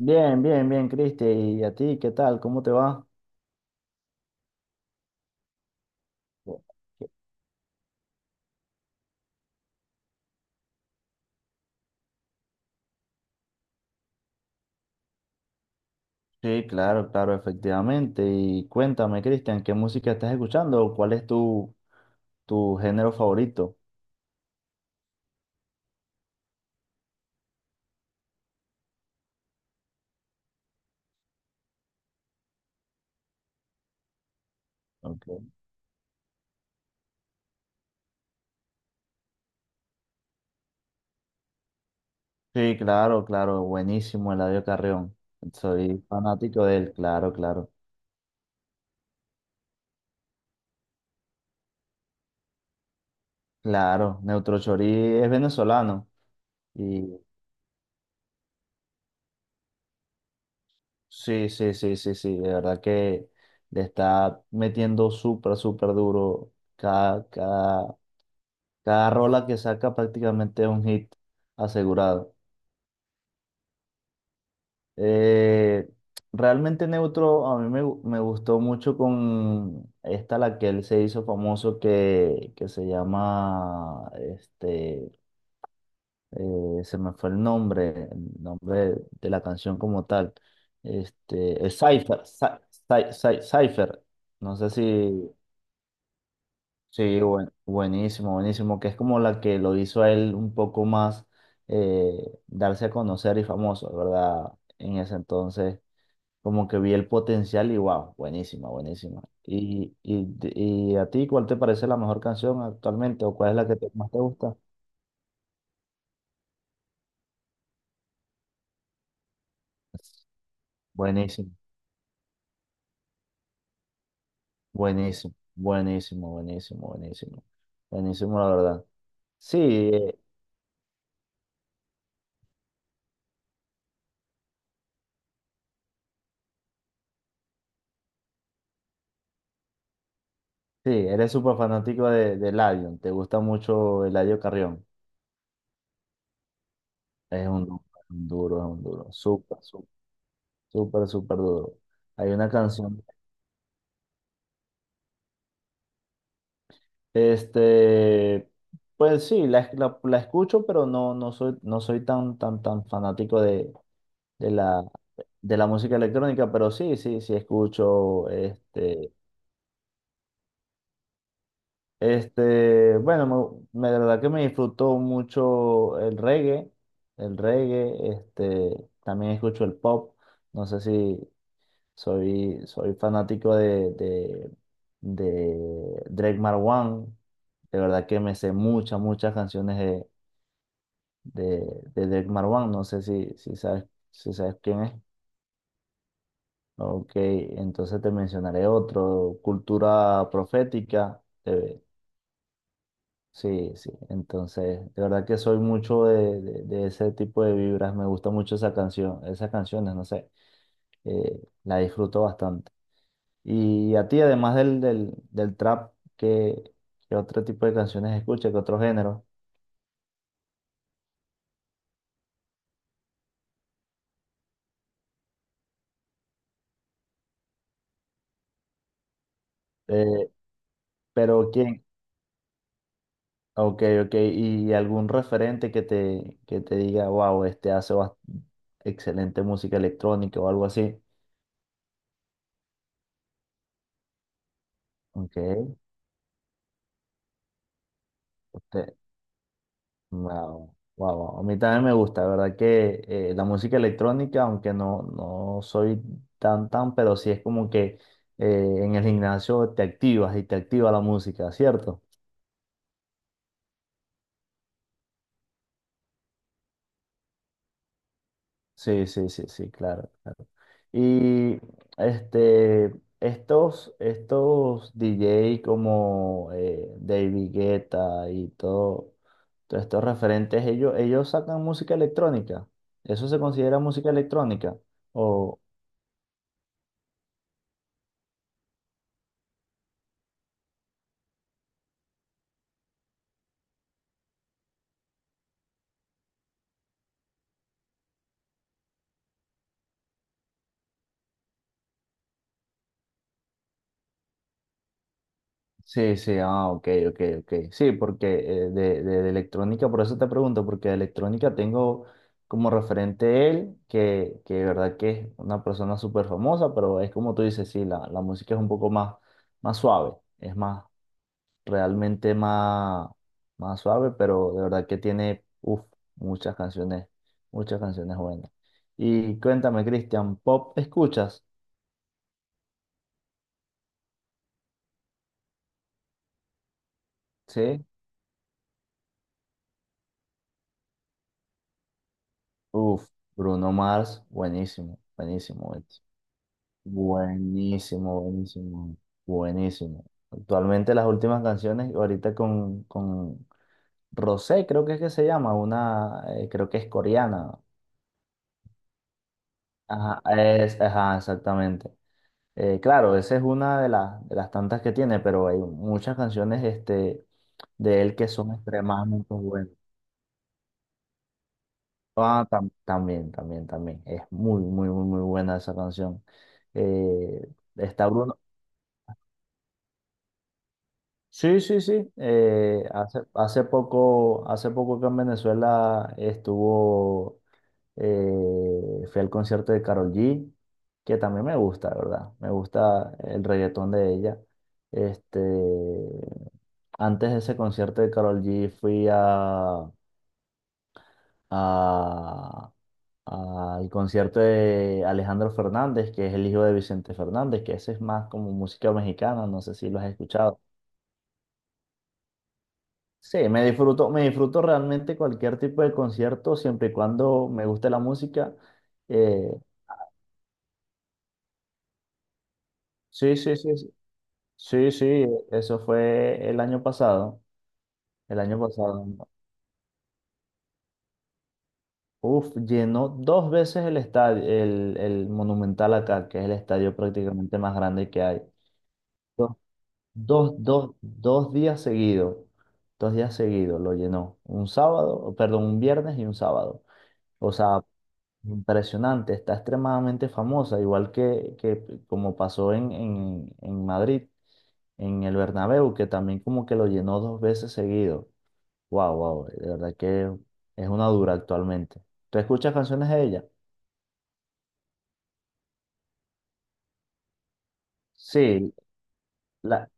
Bien, bien, bien, Cristi. ¿Y a ti qué tal? ¿Cómo te va? Sí, claro, claro, efectivamente. Y cuéntame, Cristian, ¿qué música estás escuchando? ¿Cuál es tu género favorito? Ok. Sí, claro, claro, buenísimo, Eladio Carrión. Soy fanático de él, claro, claro. Claro, Neutro Chorí es venezolano. Y sí, sí, sí, sí, sí, de verdad que le está metiendo súper, súper duro cada Cada rola que saca prácticamente es un hit asegurado. Eh, Realmente Neutro a mí me gustó mucho con esta, la que él se hizo famoso, que se llama, se me fue el nombre de la canción como tal. Este, Cypher, Cy- Cy- Cy- Cypher, no sé si, Sí, buenísimo, buenísimo, que es como la que lo hizo a él un poco más eh, darse a conocer y famoso, ¿verdad? En ese entonces, como que vi el potencial y wow, buenísima, buenísima. ¿Y a ti cuál te parece la mejor canción actualmente o cuál es la que más te gusta? Buenísimo, buenísimo, buenísimo, buenísimo, buenísimo, buenísimo, la verdad. Sí, eh, sí, eres súper fanático de Eladio, te gusta mucho Eladio Carrión. Es un duro, es un duro. Súper, súper, súper, súper duro. Hay una canción. Este, pues sí, la escucho, pero no, no soy, no soy tan, tan, tan fanático de la, de la música electrónica, pero sí, sí, sí escucho. Bueno, de verdad que me disfruto mucho el reggae. El reggae, también escucho el pop. No sé si, Soy, soy fanático de Drake Marwan. De verdad que me sé muchas, muchas canciones de Drake Marwan. No sé si, si sabes, si sabes quién es. Ok, entonces te mencionaré otro, Cultura Profética. Sí, sí. Entonces, de verdad que soy mucho de ese tipo de vibras. Me gusta mucho esa canción, esas canciones, no sé. La disfruto bastante. Y a ti, además del trap, ¿qué, qué otro tipo de canciones escuchas, qué otro género? Eh, pero quién, ok, ok, y algún referente que te diga, wow, este hace excelente música electrónica o algo así. Ok, usted- wow, wow, wow. A mí también me gusta, la verdad que la música electrónica, aunque no, no soy tan tan, pero sí es como que en el gimnasio te activas y te activa la música, ¿cierto? Sí, sí, sí, sí, claro, claro. Y este, Estos DJ como David Guetta y todo, todos estos referentes, ellos sacan música electrónica. ¿Eso se considera música electrónica? Sí, sí, ah, ok, ok, ok. Sí, porque de electrónica, por eso te pregunto, porque de electrónica tengo como referente él, que de verdad que es una persona súper famosa, pero es como tú dices, sí, la música es un poco más, más suave, es más, realmente más, más suave, pero de verdad que tiene, uff, muchas canciones, muchas canciones buenas. Y cuéntame, Cristian, ¿pop escuchas? Sí, uff, Bruno Mars, buenísimo, buenísimo. Buenísimo, buenísimo, buenísimo. Actualmente las últimas canciones, ahorita con Rosé, creo que es que se llama, una, creo que es coreana. Ajá, es, ajá, exactamente. Claro, esa es una de las tantas que tiene, pero hay muchas canciones de él que son extremadamente buenas. Ah, tam- también, también, también. Es muy, muy, muy, muy buena esa canción. Eh, está Bruno. Sí, sí, sí. Hace poco, hace poco que en Venezuela estuvo, fui al concierto de Karol G, que también me gusta, ¿verdad? Me gusta el reggaetón de ella. Este, Antes de ese concierto de Karol G fui a- al concierto de Alejandro Fernández, que es el hijo de Vicente Fernández, que ese es más como música mexicana, no sé si lo has escuchado. Sí, me disfruto realmente cualquier tipo de concierto, siempre y cuando me guste la música. Eh, sí, sí, sí, sí, sí, sí, eso fue el año pasado, el año pasado. ¿No? Uf, llenó dos veces el estadio, el Monumental acá, que es el estadio prácticamente más grande que hay. Dos, Dos días seguidos, dos días seguidos lo llenó. Un sábado, perdón, un viernes y un sábado. O sea, impresionante, está extremadamente famosa, igual que como pasó en Madrid, en el Bernabéu, que también como que lo llenó dos veces seguido. Wow, wow, de verdad que es una dura actualmente. ¿Tú escuchas canciones de ella? Sí, la...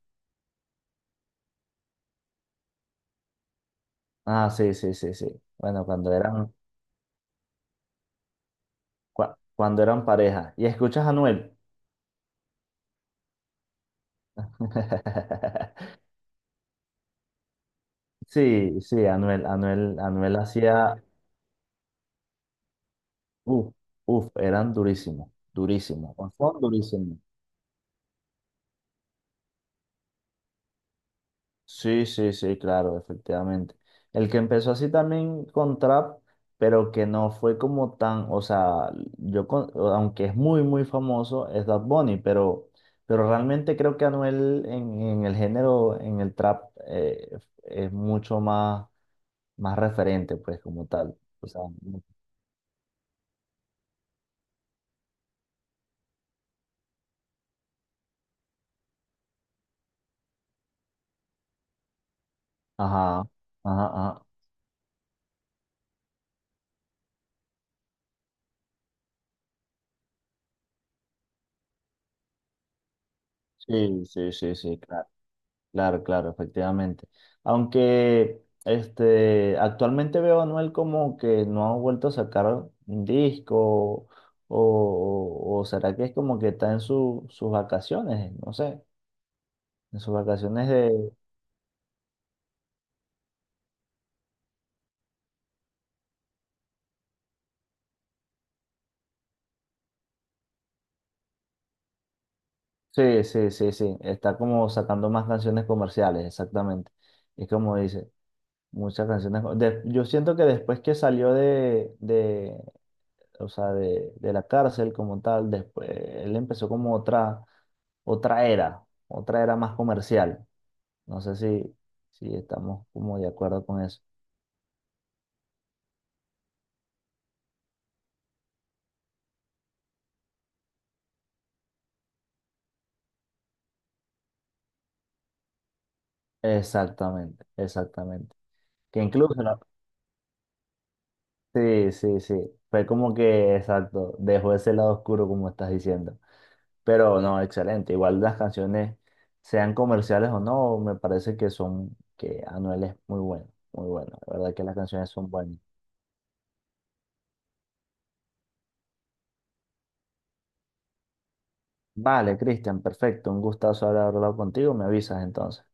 Ah, sí, sí, sí, sí. Bueno, cuando eran pareja. ¿Y escuchas a Anuel? Sí, sí, Anuel, Anuel, Anuel hacía, uff, uff, eran durísimos, durísimos, con son durísimos. Sí, sí, sí, claro, efectivamente. El que empezó así también con trap, pero que no fue como tan, o sea, yo, aunque es muy, muy famoso, es Bad Bunny, pero realmente creo que Anuel en el género, en el trap, es mucho más, más referente, pues, como tal. Ajá, ajá, ajá. Sí, sí, sí, sí, claro. Claro, claro, efectivamente. Aunque actualmente veo a Anuel como que no ha vuelto a sacar un disco o será que es como que está en sus vacaciones, no sé, en sus vacaciones de... Sí, sí, sí, sí, está como sacando más canciones comerciales, exactamente. Es como dice, muchas canciones... yo siento que después que salió de, o sea, de la cárcel como tal. Después, él empezó como otra, otra era más comercial. No sé si, si estamos como de acuerdo con eso. Exactamente, exactamente. Que incluso, la- sí, sí, sí, fue como que, exacto, dejó ese lado oscuro como estás diciendo. Pero no, excelente. Igual las canciones, sean comerciales o no, me parece que son, que Anuel es muy bueno, muy bueno. La verdad que las canciones son buenas. Vale, Cristian, perfecto. Un gustazo haber hablado contigo. Me avisas entonces.